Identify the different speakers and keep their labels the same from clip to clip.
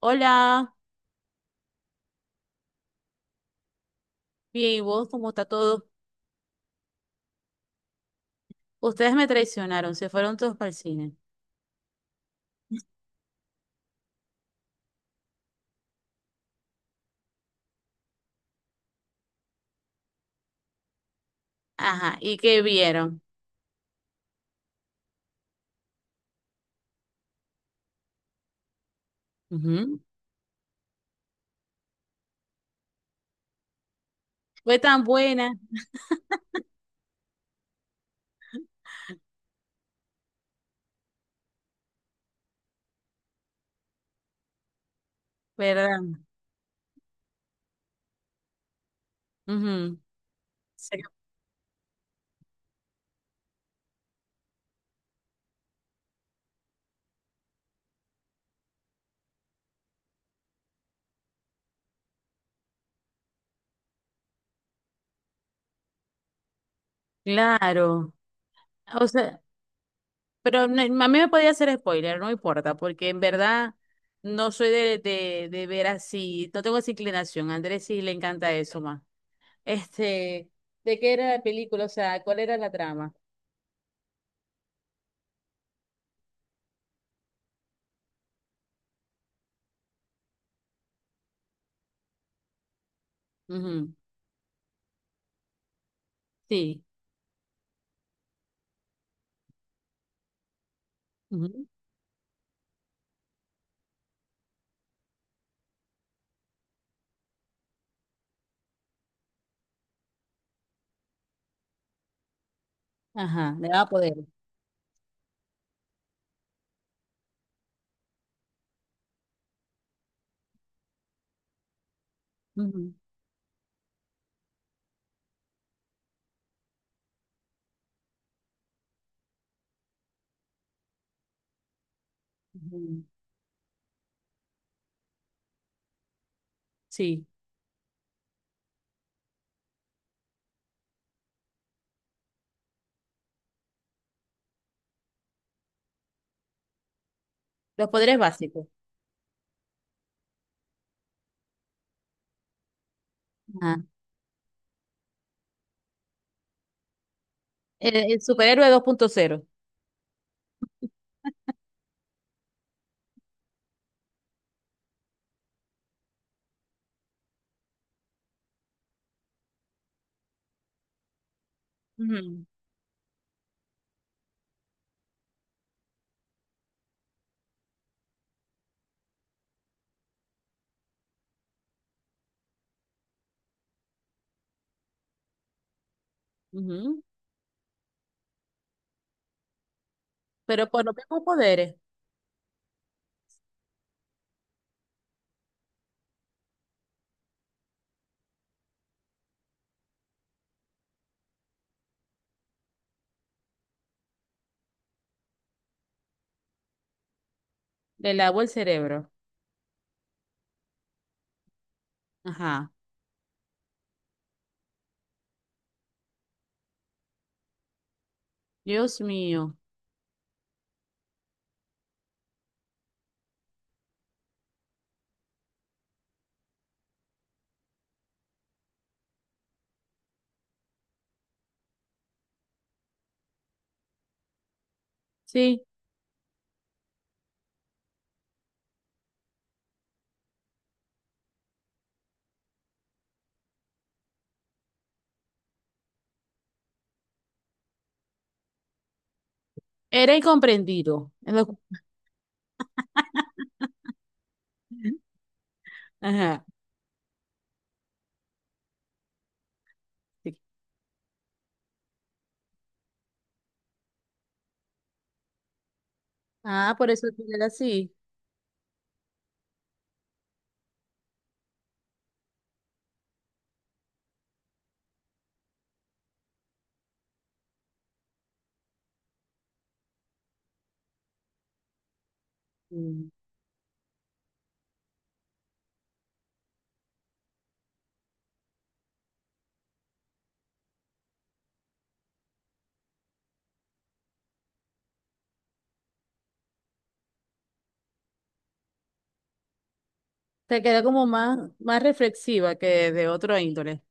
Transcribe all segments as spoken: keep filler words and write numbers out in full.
Speaker 1: Hola, bien, ¿y vos cómo está todo? Ustedes me traicionaron, se fueron todos para el cine. Ajá, ¿y qué vieron? Ujú. Fue tan buena, ¿verdad? Ujú. Sí. Claro. O sea, pero no- a mí me podía hacer spoiler, no importa, porque en verdad no soy de, de, de ver así, no tengo esa inclinación. A Andrés sí le encanta eso más. Este, ¿de qué era la película? O sea, ¿cuál era la trama? Ujú. Sí. Ujú. Ajá, le daba poder. Ujú. Ujú. Sí, los poderes básicos. Ah, El, el superhéroe dos punto cero, ujú. Ujú. Pero por los mismos poderes, le lavó el cerebro. Ajá. Dios mío. Sí, era incomprendido. Es lo- Ajá. Sí. Ah, por eso tú eres así. Mm. Te queda como más, más reflexiva que de otro índole.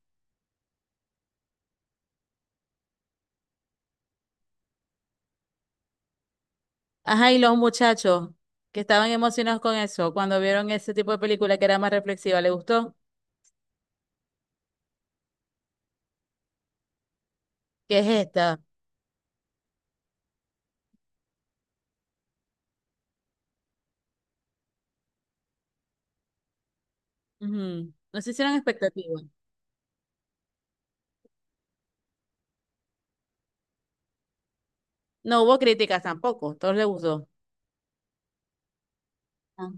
Speaker 1: Ajá, ¿y los muchachos que estaban emocionados con eso, cuando vieron ese tipo de película que era más reflexiva, les gustó? ¿Qué es esta? Ujú. No se hicieron expectativas. No hubo críticas tampoco, todos les gustó. Ah,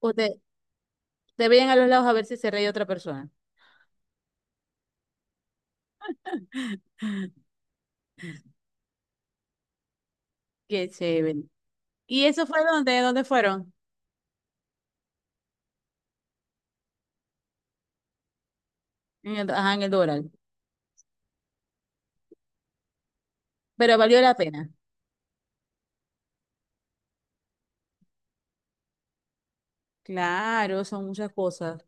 Speaker 1: Usted, te veían a los lados a ver si se reía otra persona. Qué chévere. ¿Y eso fue dónde? ¿Dónde fueron? En el, ajá, en el Doral. Pero valió la pena. Claro, son muchas cosas.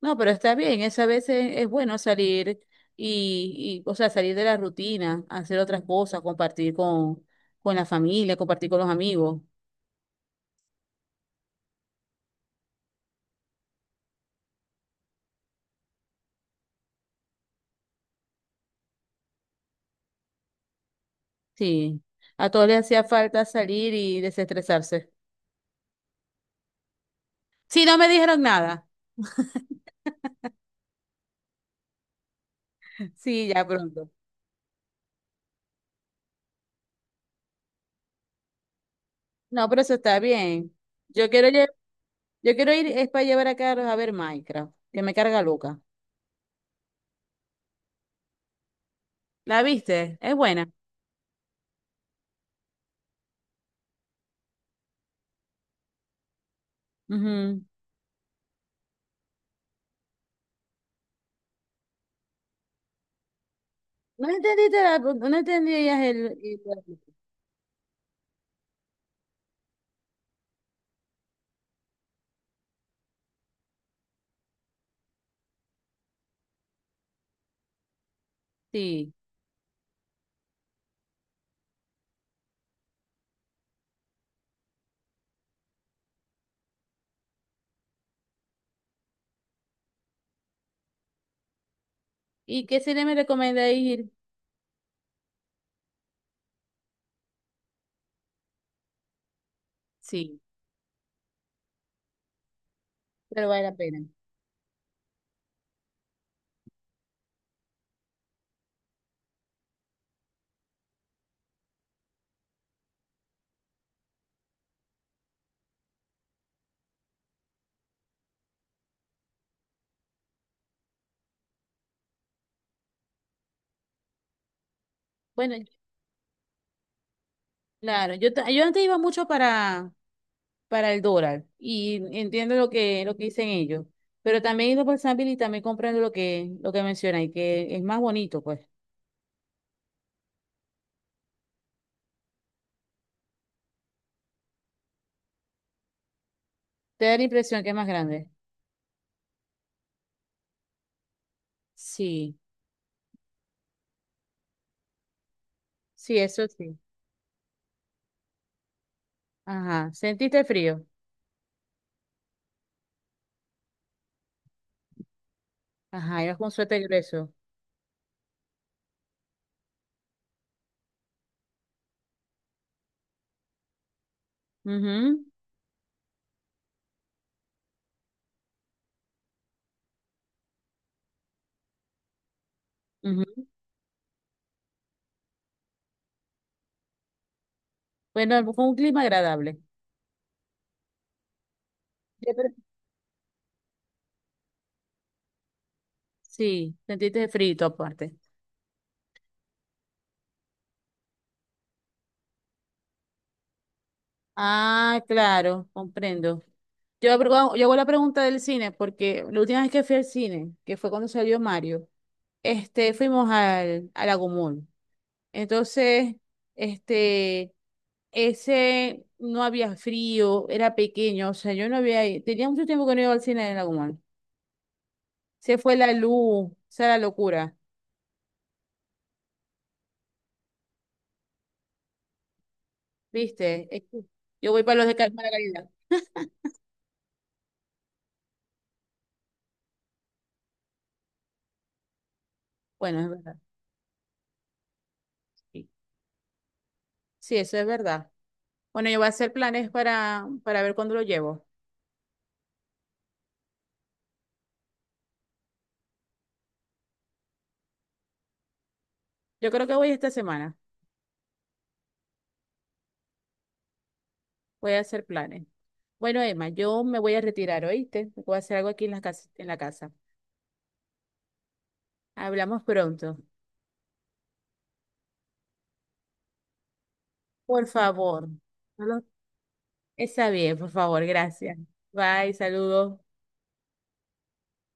Speaker 1: No, pero está bien, es a veces es bueno salir y, y, o sea, salir de la rutina, hacer otras cosas, compartir con, con la familia, compartir con los amigos. Sí, a todos les hacía falta salir y desestresarse. Sí, no me dijeron nada. Sí, ya pronto. No, pero eso está bien. Yo quiero, lle- yo quiero ir, es para llevar a Carlos a ver Minecraft, que me carga loca. ¿La viste? Es buena. Ujú. No entendiste la- no entendías el, el- Sí. ¿Y qué cine me recomienda ir? Sí, pero vale la pena. Bueno, claro, yo, ta- yo antes iba mucho para, para el dólar y entiendo lo que, lo que dicen ellos, pero también he ido por San Bill y también comprendo lo que, lo que mencionan y que es más bonito, pues. Te da la impresión que es más grande. Sí. Sí, eso sí. Ajá. ¿Sentiste frío? Ajá, ibas con suéter grueso. Ujú, ujú. Bueno, fue un clima agradable. Yo pre- Sí, sentiste frío aparte. Ah, claro, comprendo. Yo, abro- yo hago la pregunta del cine, porque la última vez que fui al cine, que fue cuando salió Mario, este, fuimos al, al Agumón. Entonces, este, ese no había frío, era pequeño, o sea, yo no había, ido- tenía mucho tiempo que no iba al cine en Agumón. Se fue la luz, esa es la locura, ¿viste? Es que yo voy para los de ca- mala calidad. Bueno, es verdad. Sí, sí, eso es verdad. Bueno, yo voy a hacer planes para, para ver cuándo lo llevo. Yo creo que voy esta semana. Voy a hacer planes. Bueno, Emma, yo me voy a retirar, ¿oíste? Voy a hacer algo aquí en la casa, en la casa. Hablamos pronto. Por favor. No lo- Está bien, por favor, gracias. Bye, saludos.